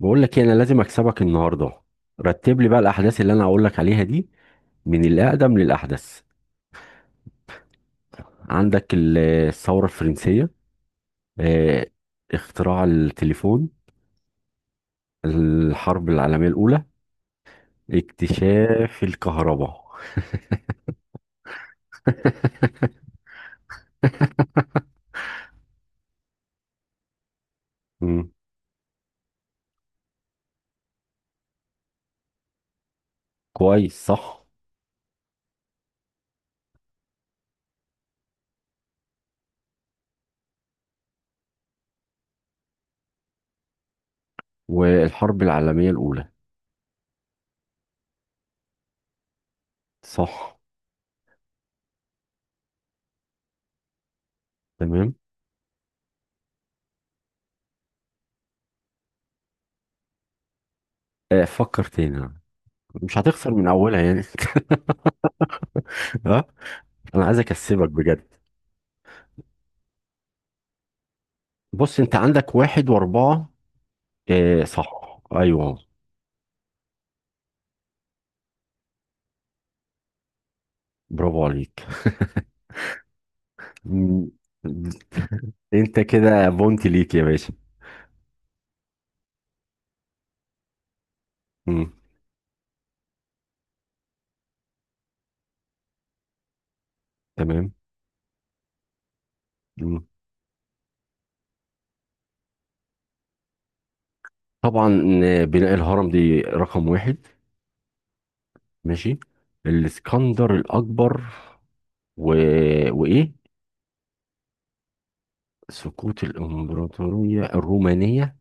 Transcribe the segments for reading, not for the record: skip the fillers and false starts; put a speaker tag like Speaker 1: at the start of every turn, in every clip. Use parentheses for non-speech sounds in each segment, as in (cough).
Speaker 1: بقول لك إيه، انا لازم اكسبك النهارده. رتب لي بقى الاحداث اللي انا هقول لك عليها دي من الاقدم للاحدث. عندك الثوره الفرنسيه، آه، اختراع التليفون، الحرب العالميه الاولى، اكتشاف الكهرباء. (laughs) مم. كويس صح. والحرب العالميه الاولى. صح. تمام. فكر تاني، مش هتخسر من اولها يعني. (laughs) ها، انا عايز اكسبك بجد. بص انت عندك واحد واربعة. آه صح ايوه. برافو عليك. مم. انت كده بونتي ليك يا باشا. مم. تمام. مم. طبعا. بناء الهرم دي رقم واحد. ماشي. الاسكندر الاكبر و... وايه. سقوط الامبراطوريه الرومانيه.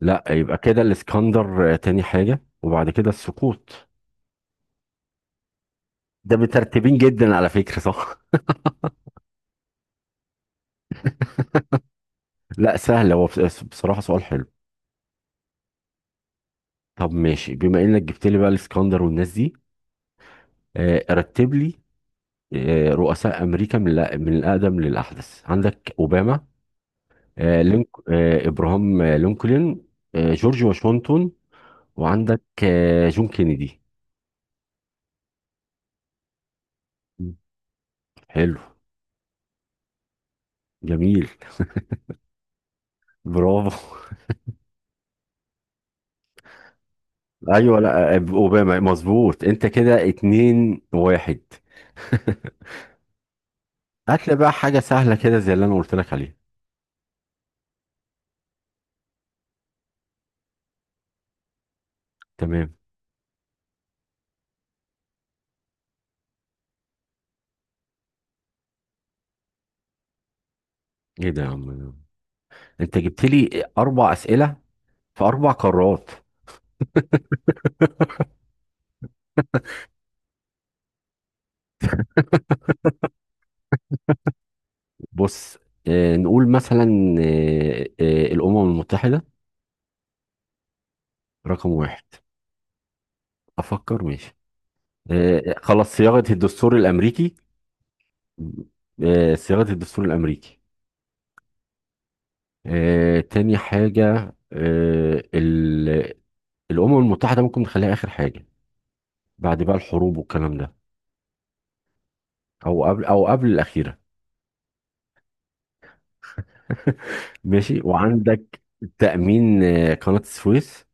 Speaker 1: لا يبقى كده الاسكندر تاني حاجه وبعد كده السقوط. ده مترتبين جدا على فكره صح. (laughs) لا سهل هو بصراحه سؤال حلو. طب ماشي بما انك جبت لي بقى الاسكندر والناس دي. رتب لي رؤساء امريكا من من الاقدم للاحدث. عندك اوباما، آه، لينك آه، ابراهام لينكولن، جورج واشنطن، وعندك جون كينيدي. مم. حلو. جميل. برافو. (laughs) ايوه لا اوباما مظبوط، انت كده اتنين واحد. (laughs) هات لي بقى حاجه سهله كده زي اللي انا قلت لك عليها. تمام. ايه ده يا عم، انت جبت لي اربع اسئله في اربع قارات. بص نقول مثلا الأمم المتحدة رقم واحد. أفكر ماشي. خلاص صياغة الدستور الأمريكي. صياغة الدستور الأمريكي. تاني حاجة، آه، ال- الأمم المتحدة ممكن نخليها آخر حاجة بعد بقى الحروب والكلام ده. أو قبل الأخيرة. (laughs) ماشي. وعندك تأمين قناة السويس.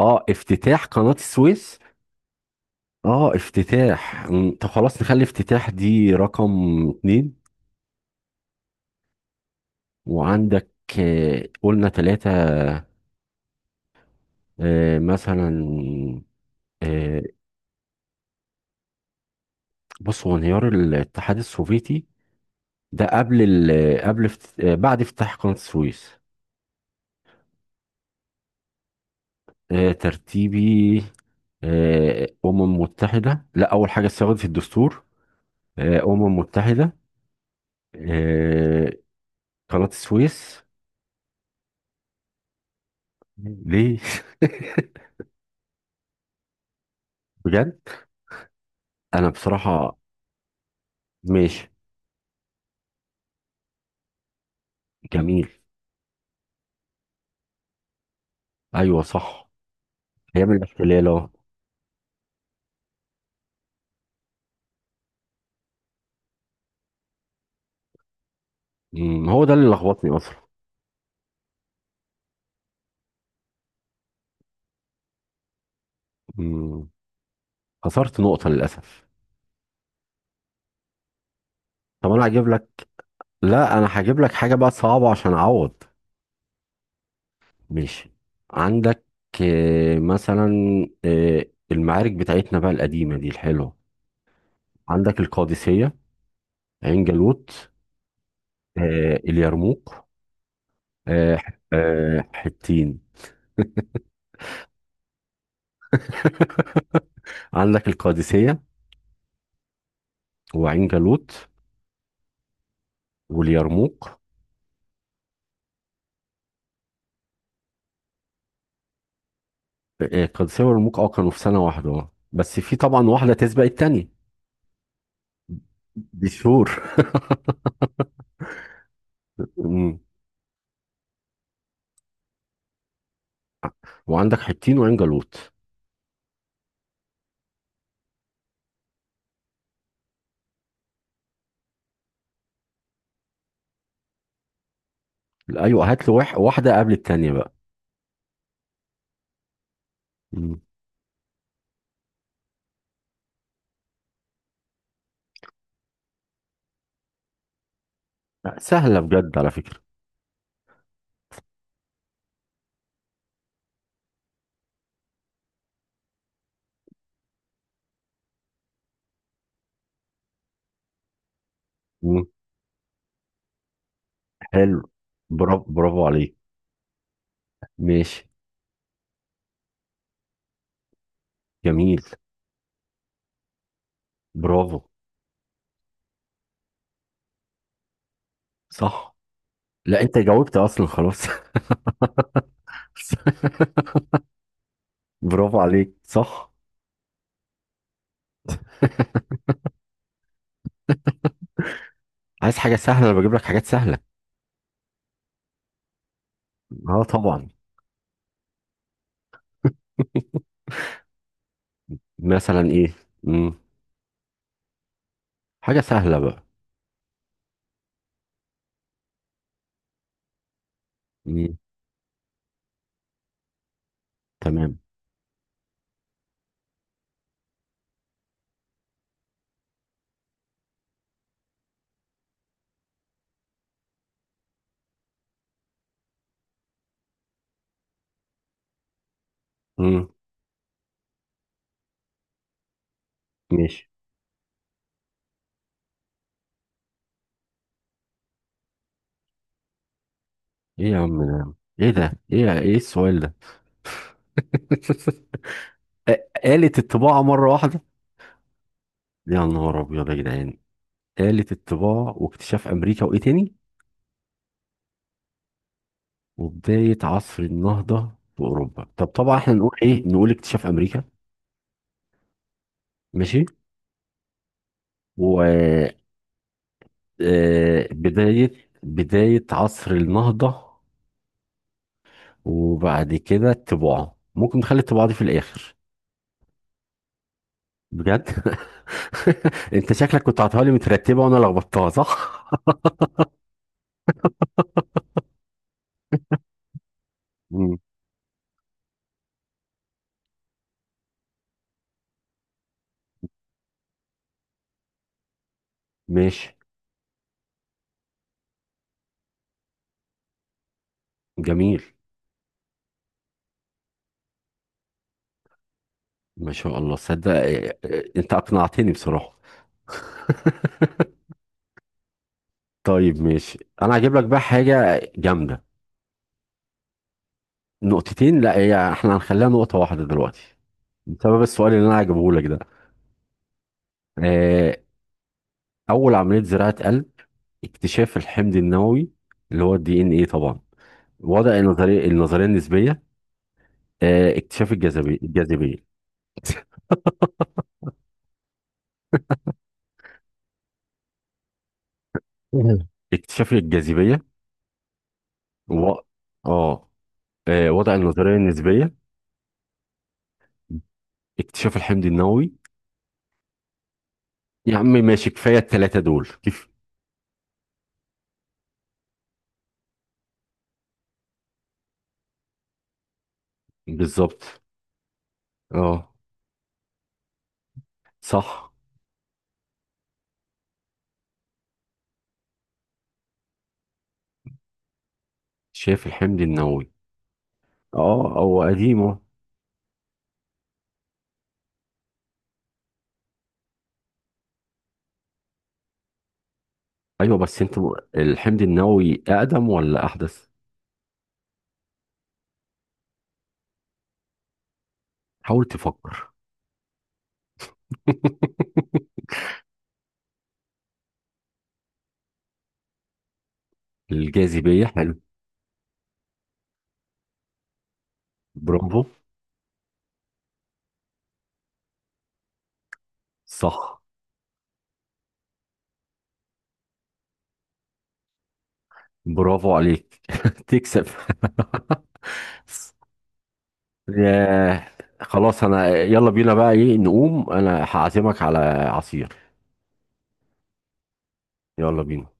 Speaker 1: اه افتتاح قناة السويس. اه افتتاح طب خلاص نخلي افتتاح دي رقم اتنين. وعندك قلنا تلاتة، مثلا. آه، بص هو انهيار الاتحاد السوفيتي ده قبل ال قبل افت- آه، بعد افتتاح قناة السويس. ترتيبي أمم متحدة. لا أول حاجة اتساوت في الدستور، أمم متحدة، آه، قناة السويس. ليه. (laughs) بجد. أنا بصراحة ماشي. جميل. ايوه صح. هي من الاحتلال اه. هو ده اللي لخبطني اصلا. أمم، خسرت نقطة للأسف. طب انا هجيب لك، لا انا هجيب لك حاجة بقى صعبة عشان اعوض. ماشي عندك مثلا آه، المعارك بتاعتنا بقى القديمة دي الحلوة. عندك القادسية، عين جالوت، اليرموك، آه، حطين. (laughs) عندك القادسية وعين جالوت واليرموك. القادسية واليرموك اه كانوا في سنة واحدة بس في طبعا واحدة تسبق التانية. دي شهور. (laughs) مم. وعندك حطين وعنجلوت. ايوه هات لي واحده قبل التانيه بقى. مم. لا، سهله بجد على فكره. مم. حلو. برافو برافو عليك. ماشي. جميل. برافو. صح. لا انت جاوبت اصلا خلاص. (laughs) برافو عليك صح. عايز حاجه سهله، انا بجيب لك حاجات سهله. اه طبعا. (laughs) مثلا ايه. مم. حاجه سهله بقى. مم. تمام. مم. ماشي. ايه يا عم ده، ايه ده، ايه ايه السؤال ده. (laughs) آلة الطباعة مرة واحدة. يا نهار أبيض يا جدعان. آلة الطباعة واكتشاف أمريكا وإيه تاني. وبداية عصر النهضة في أوروبا. طب طبعا إحنا نقول إيه، نقول اكتشاف أمريكا. ماشي. وبداية عصر النهضة. وبعد كده الطباعة ممكن نخلي الطباعة دي في الآخر. بجد. (laughs) أنت شكلك كنت عطاها لي مترتبة وأنا لخبطتها صح؟ (laughs) مم. ماشي. جميل. ما شاء الله صدق. أنت أقنعتني بصراحة. طيب ماشي انا هجيب لك بقى حاجه جامده. نقطتين، لا هي احنا هنخليها نقطه واحده دلوقتي بسبب السؤال اللي انا هجيبه لك ده. آه، اول عمليه زراعه قلب، اكتشاف الحمض النووي اللي هو DNA طبعا، وضع النظريه النسبيه، اكتشاف الجاذبيه. (laughs) مهم. اكتشاف الجاذبيه و... اه آه، وضع النظريه النسبيه، اكتشاف الحمض النووي. يا عم ماشي كفايه الثلاثه دول كيف. بالظبط. اه صح. شايف الحمض النووي. اه هو قديم اهو. ايوه بس انت الحمض النووي اقدم ولا احدث. حاول تفكر. (laughs) الجاذبية حلو. برافو. صح. برافو عليك. (laughs) تكسب. (laughs) ياه. خلاص انا يلا بينا بقى، ايه نقوم انا هعزمك على عصير. يلا بينا.